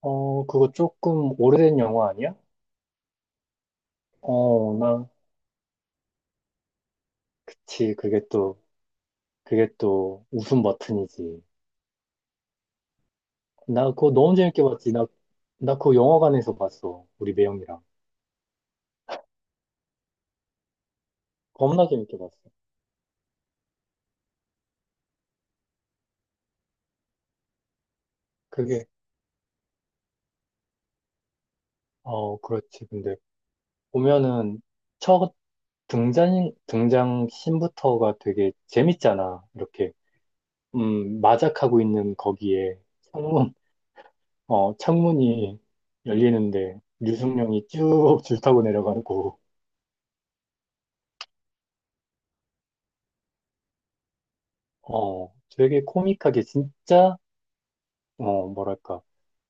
어, 그거 조금 오래된 영화 아니야? 어, 나, 그치. 그게 또 웃음 버튼이지. 나 그거 너무 재밌게 봤지. 나 그거 영화관에서 봤어. 우리 매형이랑. 겁나 재밌게 봤어. 그게, 그렇지. 근데 보면은 첫 등장 씬부터가 되게 재밌잖아. 이렇게, 마작하고 있는 거기에 창문, 창문이 열리는데 류승룡이 쭉 줄 타고 내려가고. 어, 되게 코믹하게 진짜, 뭐랄까,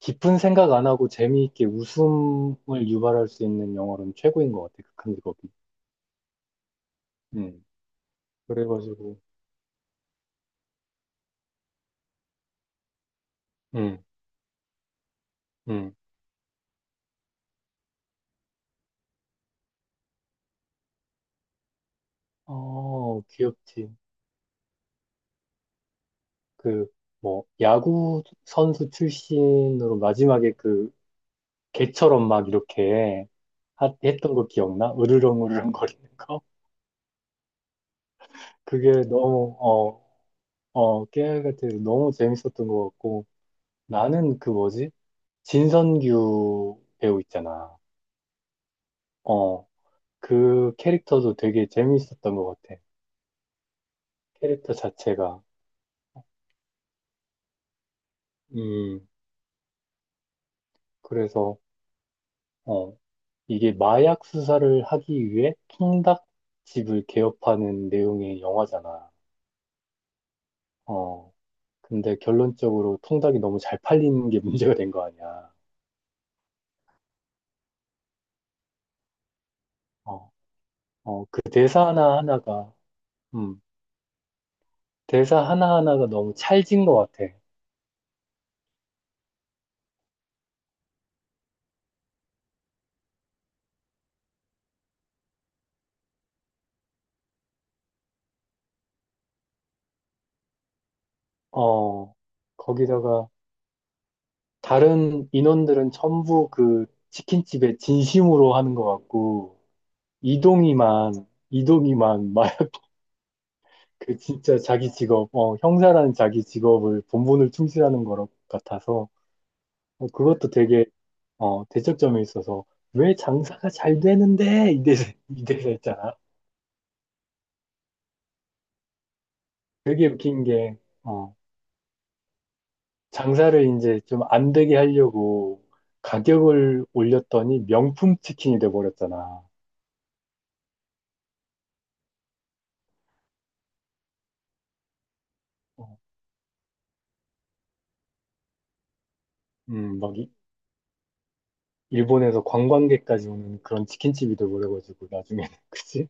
깊은 생각 안 하고 재미있게 웃음을 유발할 수 있는 영화로는 최고인 것 같아, 극한 직업이. 음, 그래가지고, 음, 음, 어, 귀엽지. 그, 뭐, 야구 선수 출신으로 마지막에 그, 개처럼 막 이렇게 했던 거 기억나? 으르렁으르렁 거리는 거? 그게 너무, 깨알 같아. 너무 재밌었던 것 같고, 나는 그 뭐지? 진선규 배우 있잖아. 어, 그 캐릭터도 되게 재미있었던 것 같아. 캐릭터 자체가. 음, 그래서, 어, 이게 마약 수사를 하기 위해 통닭집을 개업하는 내용의 영화잖아. 어, 근데 결론적으로 통닭이 너무 잘 팔리는 게 문제가 된 거 아니야. 어, 그 음, 대사 하나하나가 너무 찰진 것 같아. 어, 거기다가, 다른 인원들은 전부 그 치킨집에 진심으로 하는 것 같고, 이동이만, 이동이만 막 그 진짜 자기 직업, 형사라는 자기 직업을 본분을 충실하는 것 같아서, 그것도 되게, 대척점에 있어서, 왜 장사가 잘 되는데? 이래서 있잖아. 되게 웃긴 게, 어, 장사를 이제 좀 안 되게 하려고 가격을 올렸더니 명품 치킨이 돼버렸잖아. 어, 막 일본에서 관광객까지 오는 그런 치킨집이 돼버려가지고 나중에는 그치?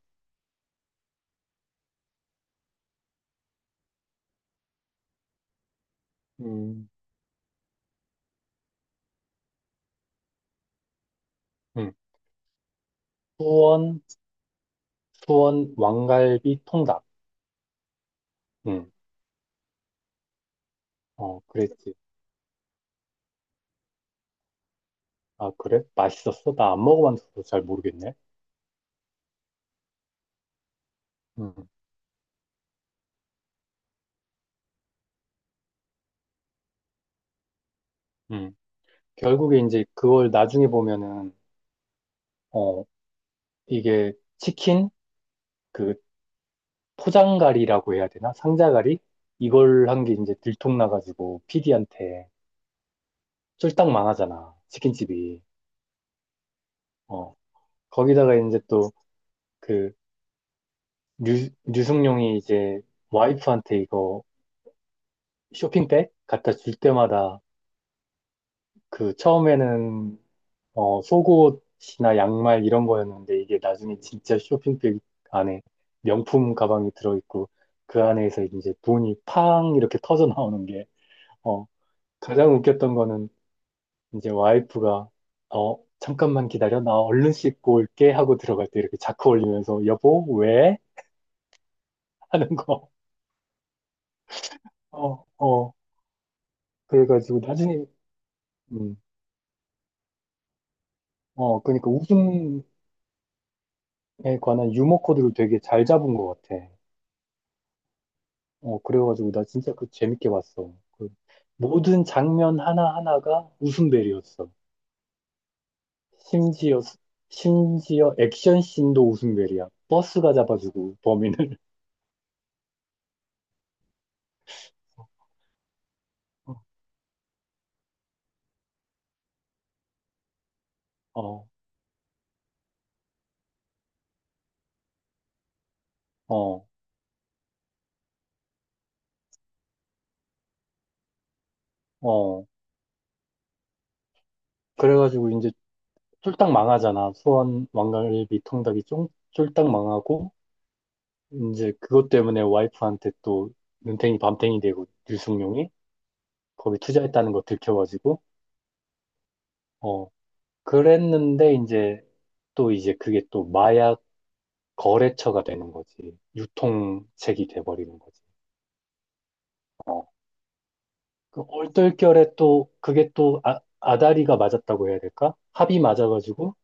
음, 음. 수원, 수원 왕갈비 통닭. 음, 그랬지. 아, 그래? 맛있었어? 나 안 먹어봤어서 잘 모르겠네. 음, 음. 결국에 이제 그걸 나중에 보면은 어, 이게 치킨 그 포장갈이라고 해야 되나? 상자갈이? 이걸 한 게 이제 들통나가지고 피디한테 쫄딱 망하잖아. 치킨집이. 어. 거기다가 이제 또그 류승룡이 이제 와이프한테 이거 쇼핑백 갖다 줄 때마다 그 처음에는 속옷이나 양말 이런 거였는데 이게 나중에 진짜 쇼핑백 안에 명품 가방이 들어있고 그 안에서 이제 돈이 팡 이렇게 터져 나오는 게 어, 가장 웃겼던 거는 이제 와이프가 잠깐만 기다려 나 얼른 씻고 올게 하고 들어갈 때 이렇게 자크 올리면서 여보 왜? 하는 거. 어, 어. 그래가지고 나중에 음, 그러니까 웃음에 관한 유머 코드를 되게 잘 잡은 것 같아. 그래가지고 나 진짜 그 재밌게 봤어. 그 모든 장면 하나하나가 웃음벨이었어. 심지어, 심지어 액션 씬도 웃음벨이야. 버스가 잡아주고 범인을. 어, 어, 어. 그래가지고 이제 쫄딱 망하잖아. 수원 왕갈비 통닭이 쫄딱 망하고, 이제 그것 때문에 와이프한테 또 눈탱이 밤탱이 되고, 류승룡이 거기 투자했다는 거 들켜가지고, 어, 그랬는데 이제 또 이제 그게 또 마약 거래처가 되는 거지. 유통책이 돼버리는 거지. 어, 그 얼떨결에 또 그게 또 아, 아다리가 맞았다고 해야 될까? 합이 맞아가지고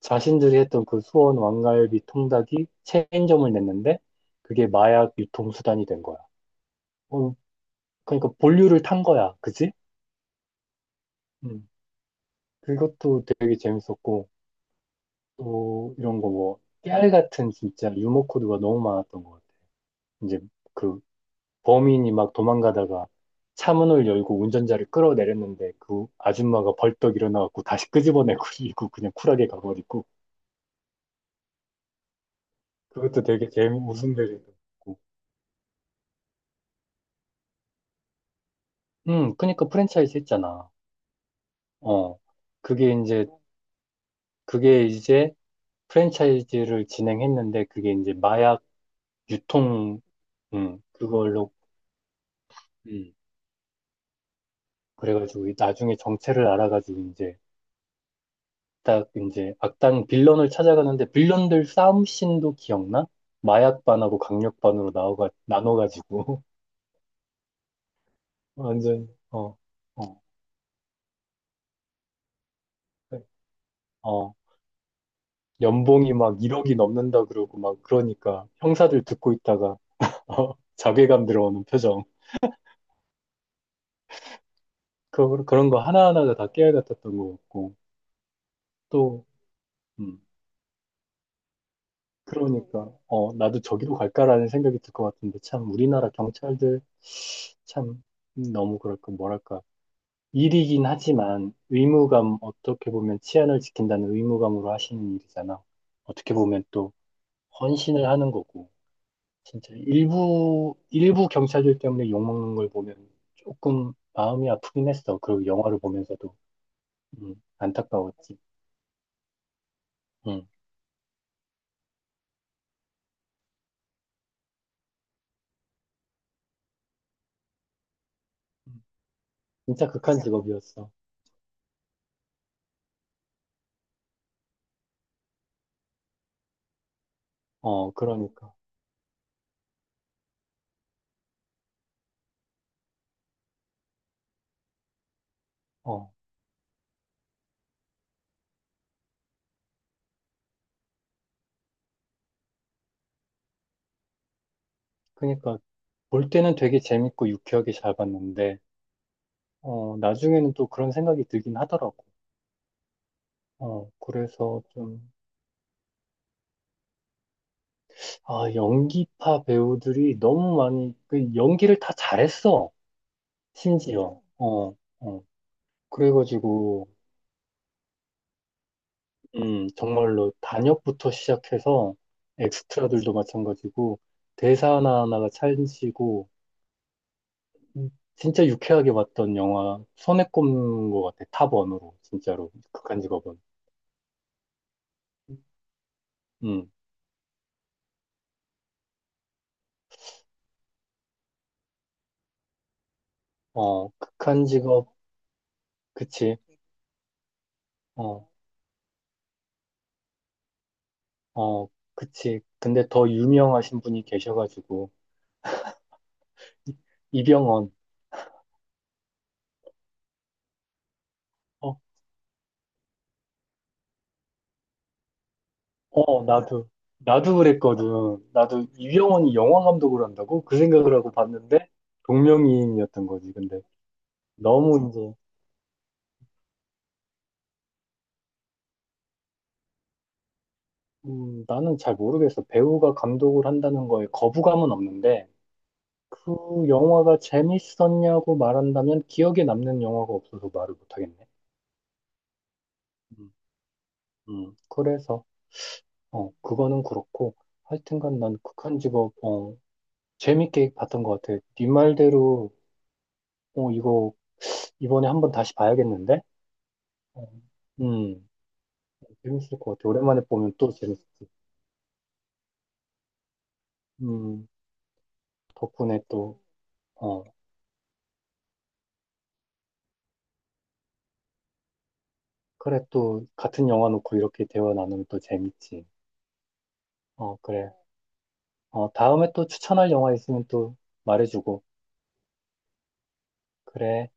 자신들이 했던 그 수원 왕갈비 통닭이 체인점을 냈는데 그게 마약 유통수단이 된 거야. 어, 그러니까 본류를 탄 거야. 그지? 음, 그것도 되게 재밌었고 또 이런 거 뭐 깨알 같은 진짜 유머 코드가 너무 많았던 것 같아. 이제 그 범인이 막 도망가다가 차문을 열고 운전자를 끌어내렸는데 그 아줌마가 벌떡 일어나갖고 다시 끄집어내고 이고 그냥 쿨하게 가버리고 그것도 되게 재미 웃음 되고 그러니까 프랜차이즈 했잖아. 어 그게 이제 그게 이제 프랜차이즈를 진행했는데 그게 이제 마약 유통. 그걸로. 음. 그래가지고 나중에 정체를 알아가지고 이제 딱 이제 악당 빌런을 찾아가는데 빌런들 싸움씬도 기억나? 마약 반하고 강력 반으로 나눠가지고 완전 어, 어, 연봉이 막 1억이 넘는다 그러고 막 그러니까 형사들 듣고 있다가 자괴감 들어오는 표정. 그런 거 하나하나가 다 깨알 같았던 것 같고 또. 음, 그러니까 나도 저기로 갈까라는 생각이 들 것 같은데 참 우리나라 경찰들 참 너무 그럴까 뭐랄까 일이긴 하지만 의무감, 어떻게 보면 치안을 지킨다는 의무감으로 하시는 일이잖아. 어떻게 보면 또 헌신을 하는 거고. 진짜 일부 경찰들 때문에 욕먹는 걸 보면 조금 마음이 아프긴 했어. 그리고 영화를 보면서도. 안타까웠지. 음. 진짜 극한 직업이었어. 어, 그러니까. 어, 그러니까 볼 때는 되게 재밌고 유쾌하게 잘 봤는데, 나중에는 또 그런 생각이 들긴 하더라고. 그래서 좀 아, 연기파 배우들이 너무 많이, 그 연기를 다 잘했어. 심지어. 어, 어. 그래가지고, 정말로 단역부터 시작해서 엑스트라들도 마찬가지고, 대사 하나하나가 찰지고, 음, 진짜 유쾌하게 봤던 영화, 손에 꼽는 것 같아. 탑원으로, 진짜로. 극한 직업은. 음, 극한 직업, 그치. 어, 어, 그치. 근데 더 유명하신 분이 계셔가지고, 이- 이병헌. 어, 어, 나도 그랬거든. 나도 이병헌이 영화 감독을 한다고? 그 생각을 하고 봤는데, 동명이인이었던 거지. 근데 너무 이제, 나는 잘 모르겠어. 배우가 감독을 한다는 거에 거부감은 없는데, 그 영화가 재밌었냐고 말한다면 기억에 남는 영화가 없어서 말을 못하겠네. 음, 그래서, 그거는 그렇고, 하여튼간 난 극한직업, 재밌게 봤던 것 같아. 네 말대로, 이거 이번에 한 번 다시 봐야겠는데? 어, 음, 재밌을 것 같아. 오랜만에 보면 또 재밌지. 음, 덕분에 또, 어, 그래, 또, 같은 영화 놓고 이렇게 대화 나누면 또 재밌지. 어, 그래. 다음에 또 추천할 영화 있으면 또 말해주고. 그래.